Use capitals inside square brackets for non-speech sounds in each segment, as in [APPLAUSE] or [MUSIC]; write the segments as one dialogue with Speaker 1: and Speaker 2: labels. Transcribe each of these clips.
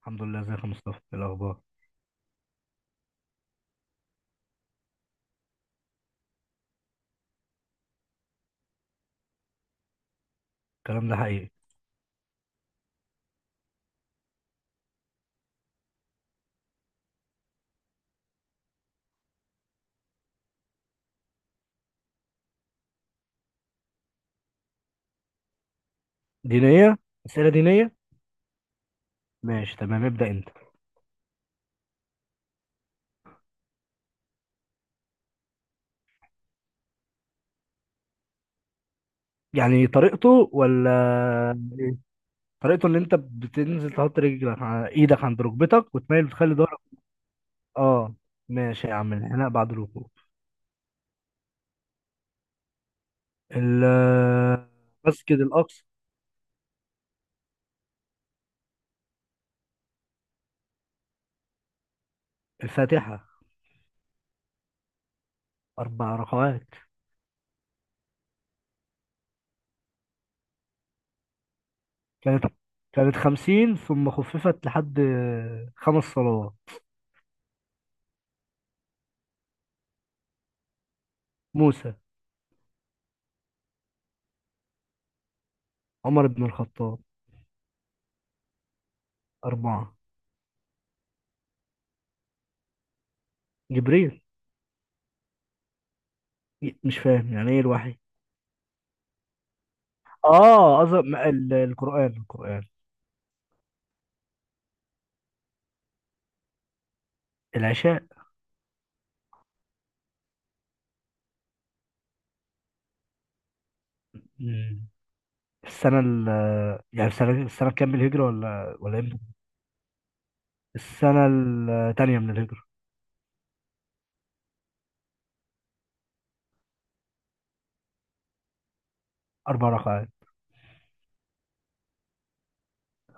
Speaker 1: الحمد لله، ازيك يا مصطفى؟ ايه الاخبار؟ الكلام ده حقيقي. دينيه، اسئله دينيه. ماشي تمام، ابدا انت. يعني طريقته ولا إيه؟ طريقته ان انت بتنزل تحط ايدك عند ركبتك وتميل وتخلي ظهرك. اه ماشي يا عم، الانحناء بعد الركوع. ال- المسجد الاقصى. الفاتحه. اربع ركعات. كانت كانت خمسين ثم خففت لحد خمس صلوات. موسى. عمر بن الخطاب. أربعة. جبريل. مش فاهم يعني إيه الوحي. اه أظن القرآن. العشاء. مم. السنة ال يعني السنة كام الهجرة، ولا امتى؟ السنة التانية من الهجرة. أربع ركعات.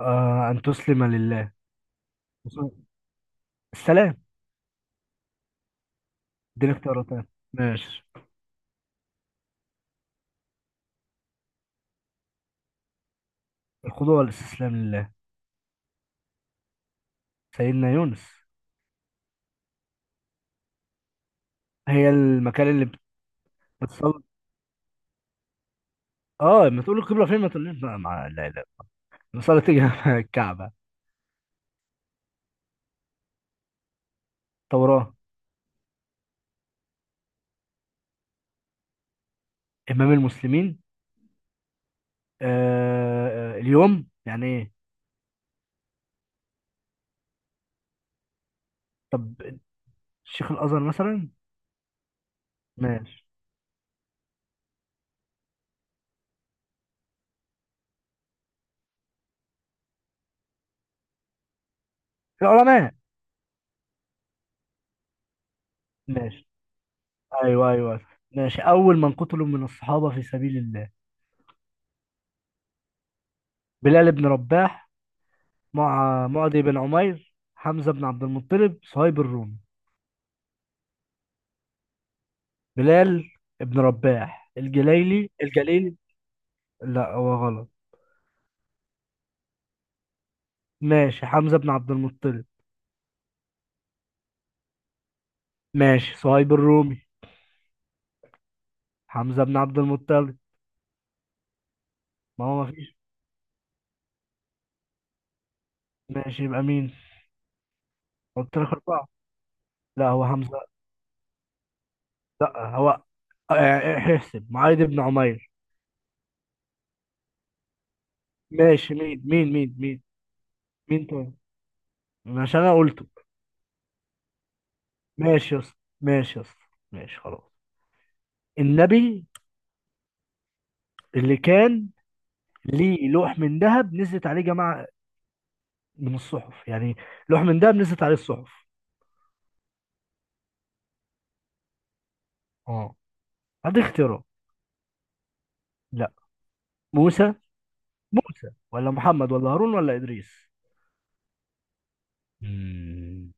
Speaker 1: آه أن تسلم لله. السلام. اديني اختيارات تانية. ماشي. الخضوع والاستسلام لله. سيدنا يونس. هي بتصلي. اه لما تقول القبلة فين ما تقوليش لا لا، المصلى تيجي [LAUGHS] مع الكعبة. توراة. إمام المسلمين. اليوم يعني ايه؟ طب شيخ الازهر مثلا. ماشي. العلماء. ماشي. ايوه ايوه. ماشي، اول من قتلوا من الصحابه في سبيل الله؟ بلال بن رباح مع معدي بن عمير، حمزه بن عبد المطلب، صهيب الرومي. بلال بن رباح الجليلي الجليلي. لا هو غلط. ماشي، حمزه بن عبد المطلب. ماشي، صهيب الرومي. حمزه بن عبد المطلب. ما هو ما فيش. ماشي يبقى مين؟ قلت لك اربعه. لا هو حمزه. لا هو آه، احسب معاذ بن عمير. ماشي مين مين طيب، عشان انا قلته. ماشي يا اسطى، ماشي يا اسطى، ماشي خلاص. النبي اللي كان ليه لوح من ذهب نزلت عليه جماعة من الصحف يعني، لوح من ذهب نزلت عليه الصحف. اه، هدي اختيارات. لا. موسى. موسى ولا محمد ولا هارون ولا إدريس. مم.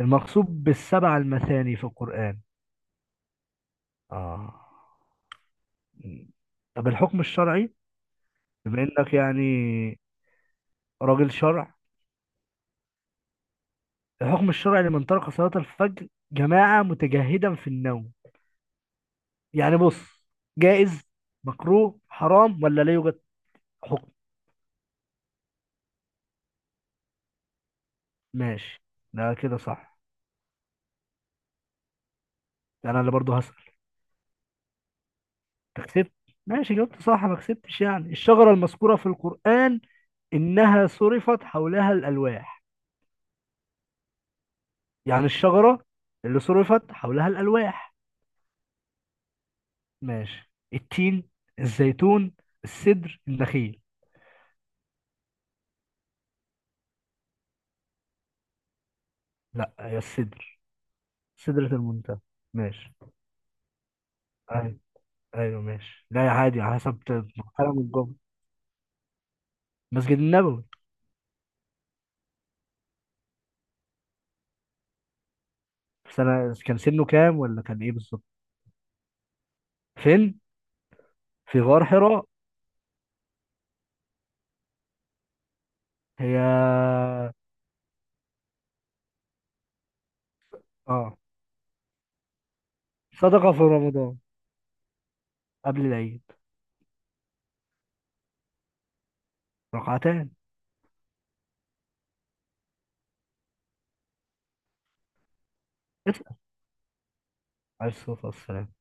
Speaker 1: المقصود بالسبعة المثاني في القرآن. اه. مم. طب الحكم الشرعي، بما انك يعني راجل شرع، الحكم الشرعي لمن ترك صلاة الفجر جماعة متجهدا في النوم؟ يعني بص، جائز، مكروه، حرام، ولا لا يوجد حكم. ماشي، ده كده صح. ده انا اللي برضه هسأل. أنت كسبت ماشي، جاوبت صح ما كسبتش. يعني الشجرة المذكورة في القرآن إنها صرفت حولها الألواح. يعني الشجرة اللي صرفت حولها الألواح. ماشي، التين، الزيتون، السدر، النخيل. لا هي السدر، سدرة المنتهى. ماشي. أيوة. ايوه ماشي، لا يا عادي على حسب. مرحله من الجمله. مسجد النبوي. في سنه كان، سنه كام ولا كان ايه بالظبط؟ فين؟ في غار حراء. هي اه صدقه في رمضان قبل العيد. ركعتان. اسال عليه الصلاه والسلام.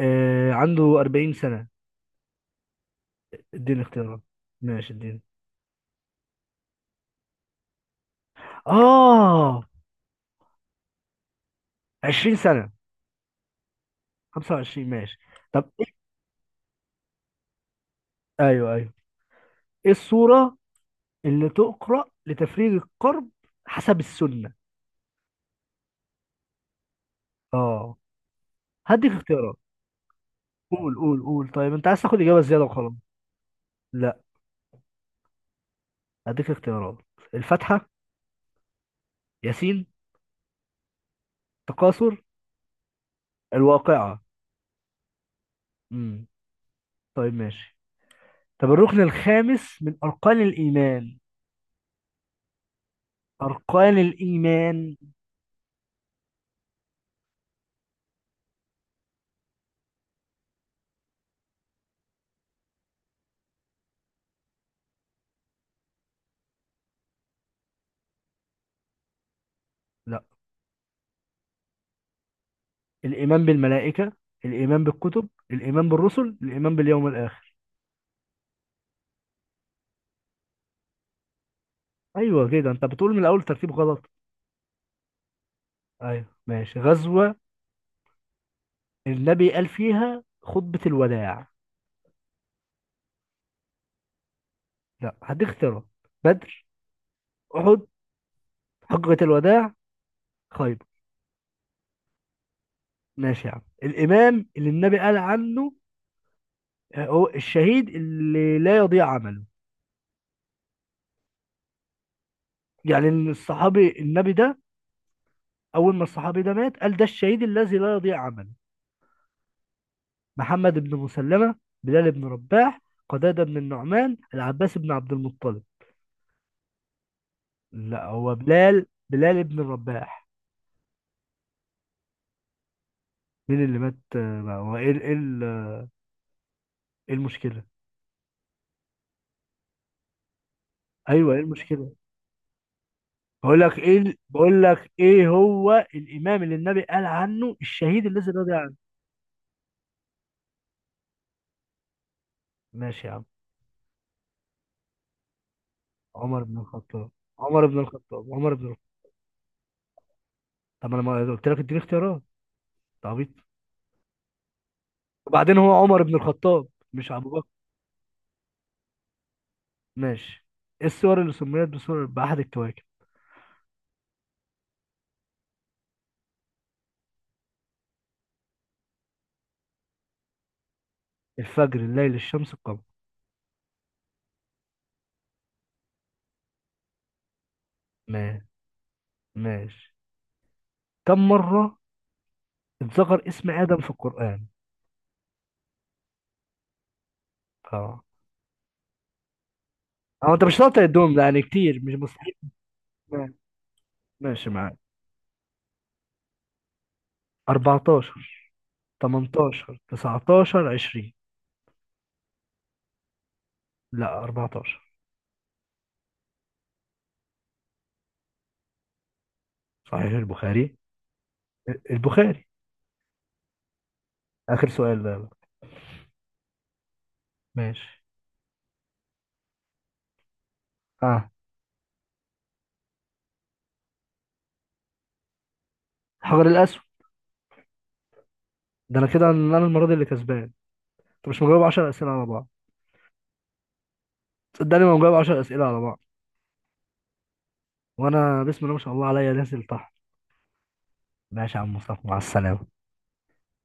Speaker 1: آه عنده 40 سنه. اديني اختيارات. ماشي اديني. اه 20 سنه. 25 ماشي. طب إيه؟ ايوه ايوه. ايه السوره اللي تقرا لتفريغ الكرب حسب السنه؟ اه هديك اختيارات. قول، قول، قول، طيب انت عايز تاخد اجابه زياده وخلاص. لا، اديك اختيارات. الفاتحه. ياسين. تكاثر. الواقعه. امم. طيب ماشي. طب الركن الخامس من اركان الايمان؟ اركان الايمان؟ لا الايمان بالملائكه، الايمان بالكتب، الايمان بالرسل، الايمان باليوم الاخر. ايوه كده، انت بتقول من الاول ترتيب غلط. ايوه ماشي. غزوه النبي قال فيها خطبه الوداع. لا هديك اختيارات. بدر، احد، حجه الوداع، خيبر. ماشي يا عم. الإمام اللي النبي قال عنه آه، هو الشهيد اللي لا يضيع عمله. يعني إن الصحابي النبي ده، أول ما الصحابي ده مات قال ده الشهيد الذي لا يضيع عمله. محمد بن مسلمة، بلال بن رباح، قتادة بن النعمان، العباس بن عبد المطلب. لا هو بلال، بلال بن رباح. مين اللي مات آه، هو ايه ال- ايه ال- ايه المشكلة؟ ايوه ايه المشكلة؟ بقول لك ايه هو الامام اللي النبي قال عنه الشهيد الذي لا يضيع عمله. ماشي يا عم. عمر بن الخطاب، عمر بن الخطاب، عمر بن الخطاب. طب انا ما قلت لك اديني اختيارات؟ انت عبيط. وبعدين هو عمر بن الخطاب مش ابو بكر. ماشي. ايه السور اللي سميت بسور بأحد الكواكب؟ الفجر، الليل، الشمس، القمر. ما ماشي. كم مرة اتذكر اسم آدم في القرآن؟ اه. هو انت مش شاطر الدوم ده، يعني كتير مش مستحيل. ما- ماشي معاك. 14، 18، 19، 20. لا 14. صحيح البخاري. البخاري. آخر سؤال ده بقى. ماشي. اه، حجر الاسود. ده انا كده، ان انا المره دي اللي كسبان. انت مش مجاوب 10 اسئله على بعض. صدقني ما مجاوب 10 اسئله على بعض. وانا بسم الله ما شاء الله عليا نازل تحت. ماشي يا عم مصطفى، مع السلامه.